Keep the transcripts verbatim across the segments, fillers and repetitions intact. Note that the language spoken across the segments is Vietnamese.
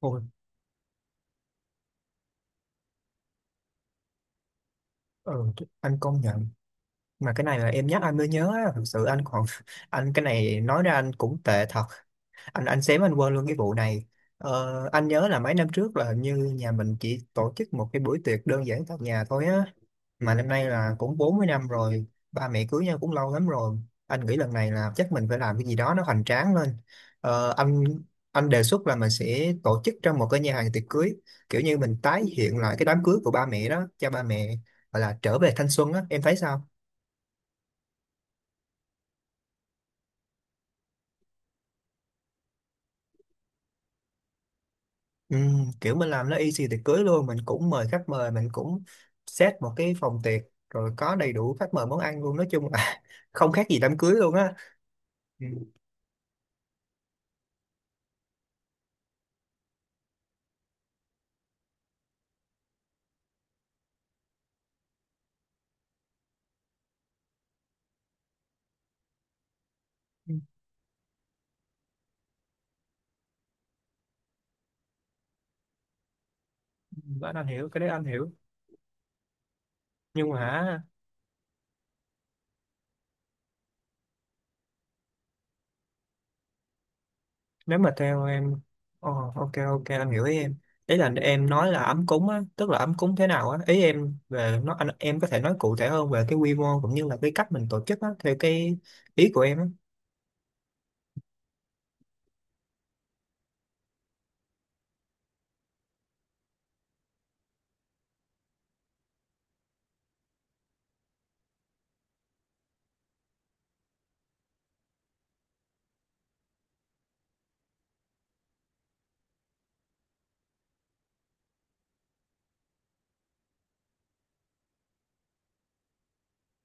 Ôi, ờ, anh công nhận mà cái này là em nhắc anh mới nhớ á, thực sự anh còn anh cái này nói ra anh cũng tệ thật. Anh anh xém anh quên luôn cái vụ này. Ờ, anh nhớ là mấy năm trước là hình như nhà mình chỉ tổ chức một cái buổi tiệc đơn giản tại nhà thôi á, mà năm nay là cũng bốn mươi năm rồi, ba mẹ cưới nhau cũng lâu lắm rồi. Anh nghĩ lần này là chắc mình phải làm cái gì đó nó hoành tráng lên. ờ, anh anh đề xuất là mình sẽ tổ chức trong một cái nhà hàng tiệc cưới, kiểu như mình tái hiện lại cái đám cưới của ba mẹ đó cho ba mẹ, gọi là trở về thanh xuân á, em thấy sao? Ừ, kiểu mình làm nó easy tiệc cưới luôn, mình cũng mời khách mời, mình cũng set một cái phòng tiệc, rồi có đầy đủ khách mời món ăn luôn, nói chung là không khác gì đám cưới luôn á. Ừ. ừ, anh anh hiểu cái đấy anh hiểu, nhưng mà hả, nếu mà theo em, oh, ok ok anh hiểu ý em. Ý là em nói là ấm cúng á, tức là ấm cúng thế nào á, ý em về nó anh em có thể nói cụ thể hơn về cái quy mô cũng như là cái cách mình tổ chức á, theo cái ý của em á.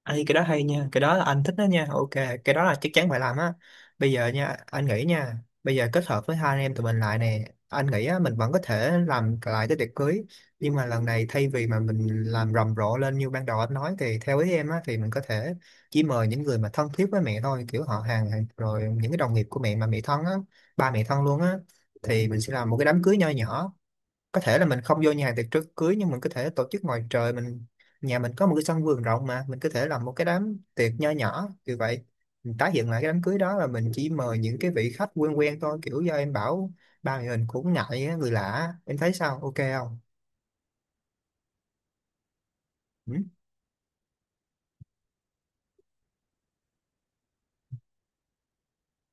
Ê, cái đó hay nha, cái đó là anh thích đó nha, ok, cái đó là chắc chắn phải làm á. Bây giờ nha, anh nghĩ nha, bây giờ kết hợp với hai anh em tụi mình lại nè, anh nghĩ á, mình vẫn có thể làm lại cái tiệc cưới, nhưng mà lần này thay vì mà mình làm rầm rộ lên như ban đầu anh nói thì theo ý em á, thì mình có thể chỉ mời những người mà thân thiết với mẹ thôi, kiểu họ hàng hàng- rồi những cái đồng nghiệp của mẹ mà mẹ thân á, ba mẹ thân luôn á, thì mình sẽ làm một cái đám cưới nho nhỏ. Có thể là mình không vô nhà hàng tiệc trước cưới, nhưng mình có thể tổ chức ngoài trời, mình, nhà mình có một cái sân vườn rộng mà mình có thể làm một cái đám tiệc nho nhỏ như vậy. Mình tái hiện lại cái đám cưới đó, là mình chỉ mời những cái vị khách quen quen thôi, kiểu do em bảo ba người mình cũng ngại á, người lạ á. Em thấy sao, ok không? Ừ?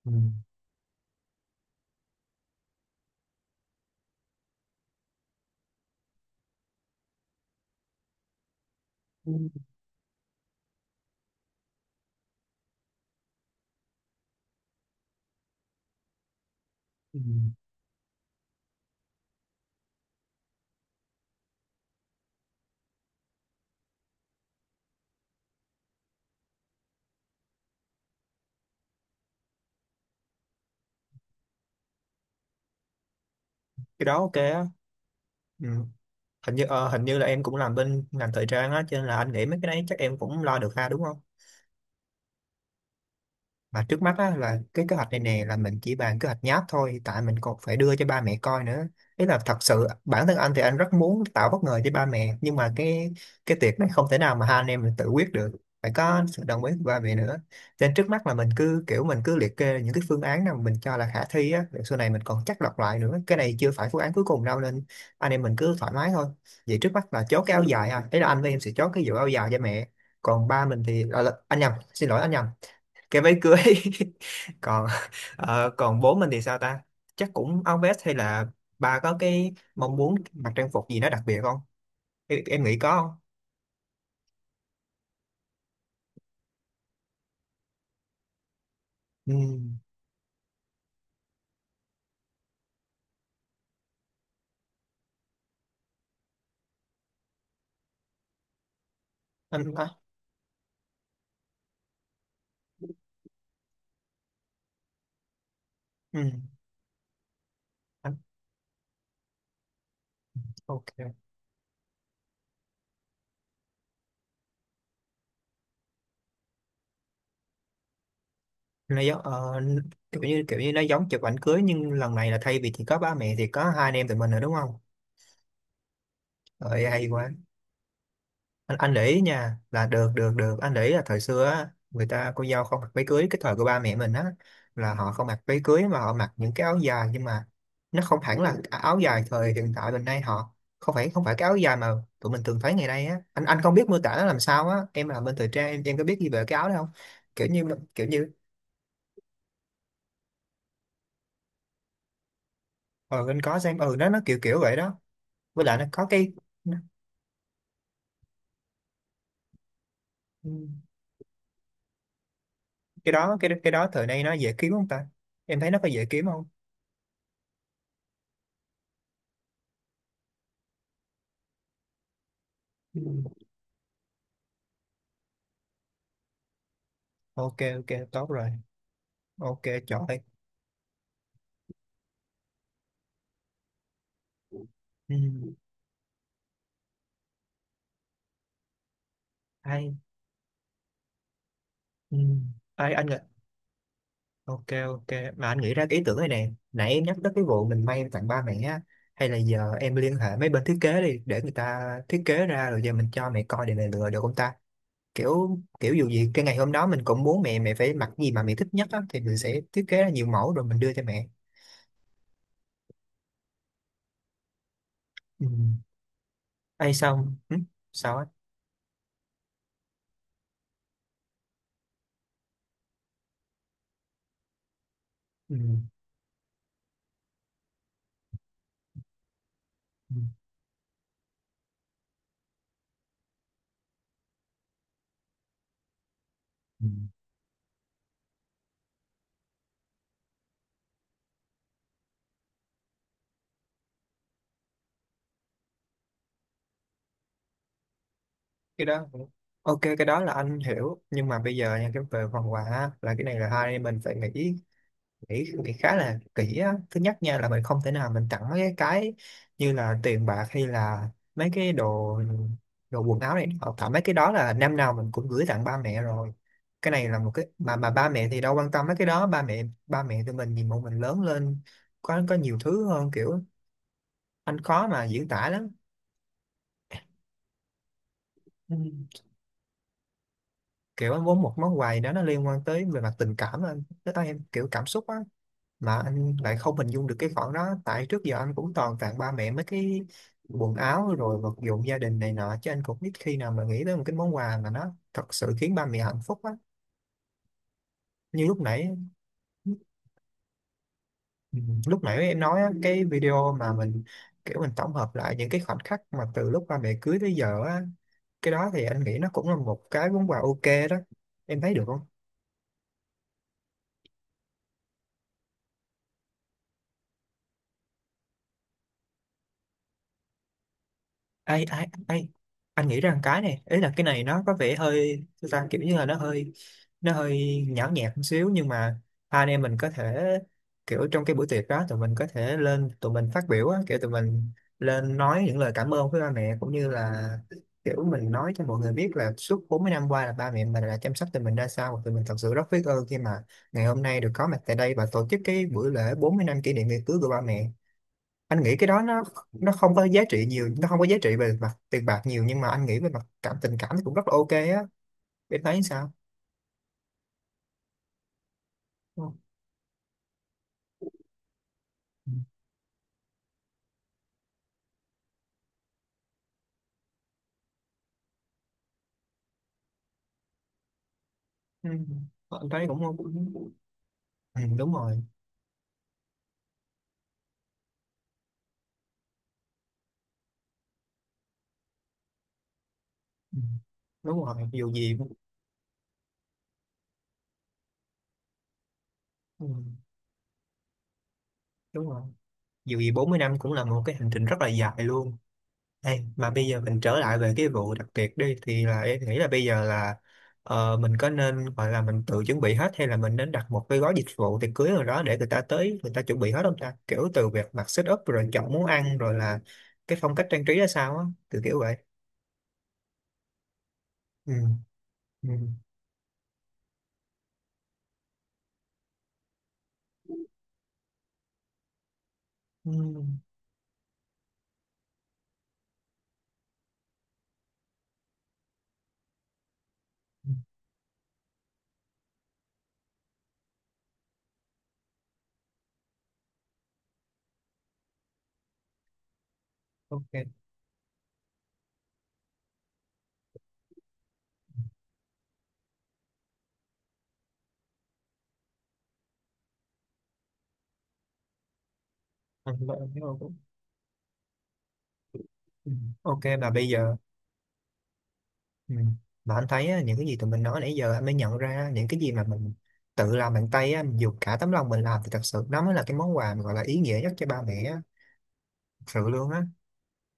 Ừ. Ừ. Ừ. Cái đó ok á. Ừ. Hình như ờ, hình như là em cũng làm bên ngành thời trang á, cho nên là anh nghĩ mấy cái đấy chắc em cũng lo được ha, đúng không? Mà trước mắt á, là cái kế hoạch này nè là mình chỉ bàn kế hoạch nháp thôi, tại mình còn phải đưa cho ba mẹ coi nữa. Ý là thật sự bản thân anh thì anh rất muốn tạo bất ngờ cho ba mẹ, nhưng mà cái cái việc này không thể nào mà hai anh em mình tự quyết được, phải có sự đồng ý của ba mẹ nữa. Cho nên trước mắt là mình cứ kiểu mình cứ liệt kê những cái phương án nào mình cho là khả thi á, rồi sau này mình còn chắc lọc lại nữa, cái này chưa phải phương án cuối cùng đâu nên anh em mình cứ thoải mái thôi. Vậy trước mắt là chốt cái áo dài ha, ý là anh với em sẽ chốt cái vụ áo dài cho mẹ, còn ba mình thì à, là- anh nhầm, xin lỗi anh nhầm, cái váy cưới. Còn ờ, còn bố mình thì sao ta, chắc cũng áo vest hay là bà có cái mong muốn mặc trang phục gì nó đặc biệt không? Em, em nghĩ có không? Ừ. anh à, ừ. anh ok. Nó giống ờ, kiểu như kiểu như nó giống chụp ảnh cưới, nhưng lần này là thay vì chỉ có ba mẹ thì có hai anh em tụi mình rồi đúng không? Rồi hay quá. Anh anh để ý nha là được được được, anh để ý là thời xưa á, người ta cô dâu không mặc váy cưới, cái thời của ba mẹ mình á, là họ không mặc váy cưới mà họ mặc những cái áo dài, nhưng mà nó không hẳn là áo dài thời hiện tại mình nay, họ không phải không phải cái áo dài mà tụi mình thường thấy ngày nay á. Anh anh không biết mô tả nó làm sao á, em làm bên thời trang, em em có biết gì về cái áo đó không? Kiểu như kiểu như ờ anh có xem, ừ nó nó kiểu kiểu vậy đó. Với lại nó có cái, nó- cái đó, cái cái đó thời nay nó dễ kiếm không ta, em thấy nó có dễ kiếm không? Ừ. Ok ok tốt rồi. Ok trời. Ừ. ai. Ừ. ai anh ạ. Ok ok, mà anh nghĩ ra cái ý tưởng này nè, nãy em nhắc tới cái vụ mình may tặng ba mẹ á, hay là giờ em liên hệ mấy bên thiết kế đi để người ta thiết kế ra, rồi giờ mình cho mẹ coi để mẹ lựa được không ta? Kiểu kiểu dù gì cái ngày hôm đó mình cũng muốn mẹ mẹ phải mặc gì mà mẹ thích nhất á, thì mình sẽ thiết kế ra nhiều mẫu rồi mình đưa cho mẹ. Ừ. ai xong ừ. sao á ừ. Ừ. Cái đó ok, cái đó là anh hiểu, nhưng mà bây giờ nha, cái về phần quà á, là cái này là hai anh em mình phải nghĩ nghĩ nghĩ khá là kỹ á. Thứ nhất nha là mình không thể nào mình tặng mấy cái cái như là tiền bạc hay là mấy cái đồ đồ quần áo này, hoặc tại mấy cái đó là năm nào mình cũng gửi tặng ba mẹ rồi. Cái này là một cái mà mà ba mẹ thì đâu quan tâm mấy cái đó, ba mẹ ba mẹ tụi mình nhìn bọn mình lớn lên có có nhiều thứ hơn, kiểu anh khó mà diễn tả lắm. Kiểu anh muốn một món quà gì đó nó liên quan tới về mặt tình cảm, anh tới tay em kiểu cảm xúc á, mà anh lại không hình dung được cái khoản đó, tại trước giờ anh cũng toàn tặng ba mẹ mấy cái quần áo rồi vật dụng gia đình này nọ, chứ anh cũng biết khi nào mà nghĩ tới một cái món quà mà nó thật sự khiến ba mẹ hạnh phúc á. Như lúc nãy, ừ, lúc nãy em nói á, cái video mà mình kiểu mình tổng hợp lại những cái khoảnh khắc mà từ lúc ba mẹ cưới tới giờ á, cái đó thì anh nghĩ nó cũng là một cái món quà ok đó, em thấy được không? Ai ai ai. Anh nghĩ rằng cái này, ý là cái này nó có vẻ hơi sao ta, kiểu như là nó hơi, nó hơi nhão nhẹt một xíu, nhưng mà hai anh em mình có thể kiểu trong cái buổi tiệc đó tụi mình có thể lên tụi mình phát biểu á, kiểu tụi mình lên nói những lời cảm ơn với ba mẹ cũng như là kiểu mình nói cho mọi người biết là suốt bốn mươi năm qua là ba mẹ mình đã chăm sóc tụi mình ra sao, và tụi mình thật sự rất biết ơn khi mà ngày hôm nay được có mặt tại đây và tổ chức cái buổi lễ bốn mươi năm kỷ niệm ngày cưới của ba mẹ. Anh nghĩ cái đó nó nó không có giá trị nhiều, nó không có giá trị về mặt tiền bạc nhiều, nhưng mà anh nghĩ về mặt cảm tình cảm thì cũng rất là ok á, em thấy sao? Ừ. Ừ. Anh thấy cũng, ừ, đúng rồi. Ừ. Đúng rồi dù gì, ừ, đúng rồi. Dù gì bốn mươi năm cũng là một cái hành trình rất là dài luôn. Ê, mà bây giờ mình trở lại về cái vụ đặc biệt đi, thì là em nghĩ là bây giờ là ờ, mình có nên gọi là mình tự chuẩn bị hết hay là mình nên đặt một cái gói dịch vụ tiệc cưới nào đó để người ta tới người ta chuẩn bị hết không ta, kiểu từ việc mặc set up rồi chọn món ăn rồi là cái phong cách trang trí ra sao á, từ kiểu vậy. Ừ. Ừ. Ừ. ừ, Ok. Anh lỗi em thấy không? Ừ, ok mà bây giờ. Ừ. Mà anh thấy á, những cái gì tụi mình nói nãy giờ anh mới nhận ra, những cái gì mà mình tự làm bằng tay á, mình dùng cả tấm lòng mình làm thì thật sự nó mới là cái món quà mà gọi là ý nghĩa nhất cho ba mẹ á, thật sự luôn á.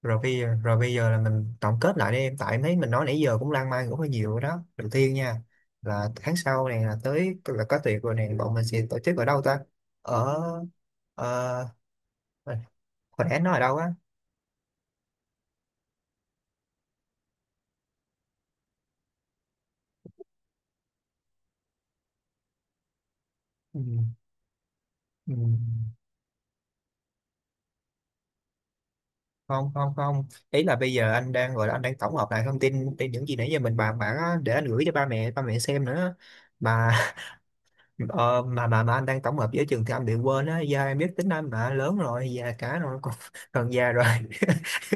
Rồi bây giờ, rồi bây giờ là mình tổng kết lại đi em, tại em thấy mình nói nãy giờ cũng lan man cũng hơi nhiều rồi đó. Đầu tiên nha, là tháng sau này là tới là có tiệc rồi này, bọn mình sẽ tổ chức ở đâu ta? Ở ờ, ờ, hồi nãy anh nói ở đâu á? Ừ. Ừ. Không không không, ý là bây giờ anh đang gọi là anh đang tổng hợp lại thông tin trên những gì nãy giờ mình bàn bạc á, để anh gửi cho ba mẹ, ba mẹ xem nữa. Mà ờ, mà mà mà anh đang tổng hợp với trường thì anh bị quên á, do em biết tính anh mà, lớn rồi già cả rồi còn, còn già rồi,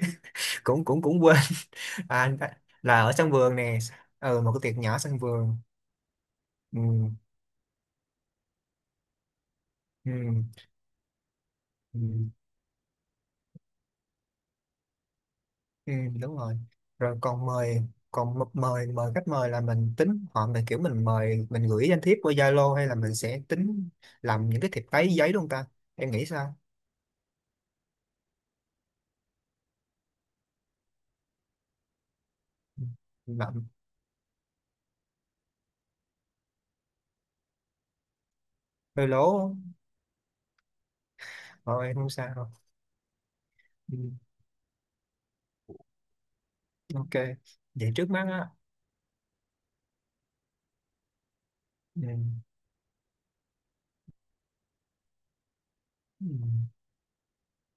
cũng cũng cũng quên. À, anh- là ở sân vườn nè, ừ một cái tiệc nhỏ sân vườn, ừ, ừ, ừ. Ừ, đúng rồi. Rồi còn mời, còn m- mời mời khách mời là mình tính họ mình kiểu mình mời mình gửi danh thiếp qua Zalo hay là mình sẽ tính làm những cái thiệp giấy giấy luôn ta, em nghĩ sao? Ừ, mà hơi lố rồi không sao. Ừ, ok vậy trước mắt á. Ừ. Ừ.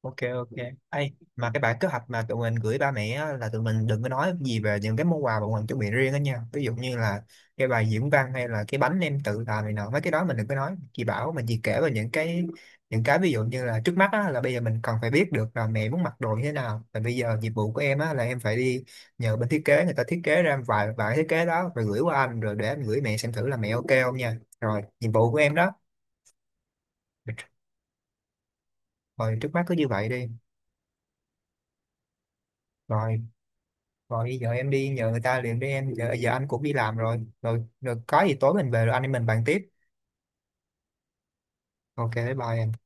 Ok ok. Ê, mà cái bản kế hoạch mà tụi mình gửi ba mẹ á, là tụi mình đừng có nói gì về những cái món quà bọn mình chuẩn bị riêng đó nha, ví dụ như là cái bài diễn văn hay là cái bánh em tự làm này nọ, mấy cái đó mình đừng có nói chị bảo, mình chỉ kể về những cái, những cái ví dụ như là trước mắt á, là bây giờ mình cần phải biết được là mẹ muốn mặc đồ như thế nào. Và bây giờ nhiệm vụ của em á, là em phải đi nhờ bên thiết kế, người ta thiết kế ra vài vài thiết kế đó rồi gửi qua anh, rồi để anh gửi mẹ xem thử là mẹ ok không nha, rồi nhiệm vụ của em đó. Rồi trước mắt cứ như vậy đi. Rồi rồi giờ em đi nhờ người ta liền đi em, giờ giờ anh cũng đi làm rồi, rồi rồi có gì tối mình về rồi anh em mình bàn tiếp. Ok bye bye em.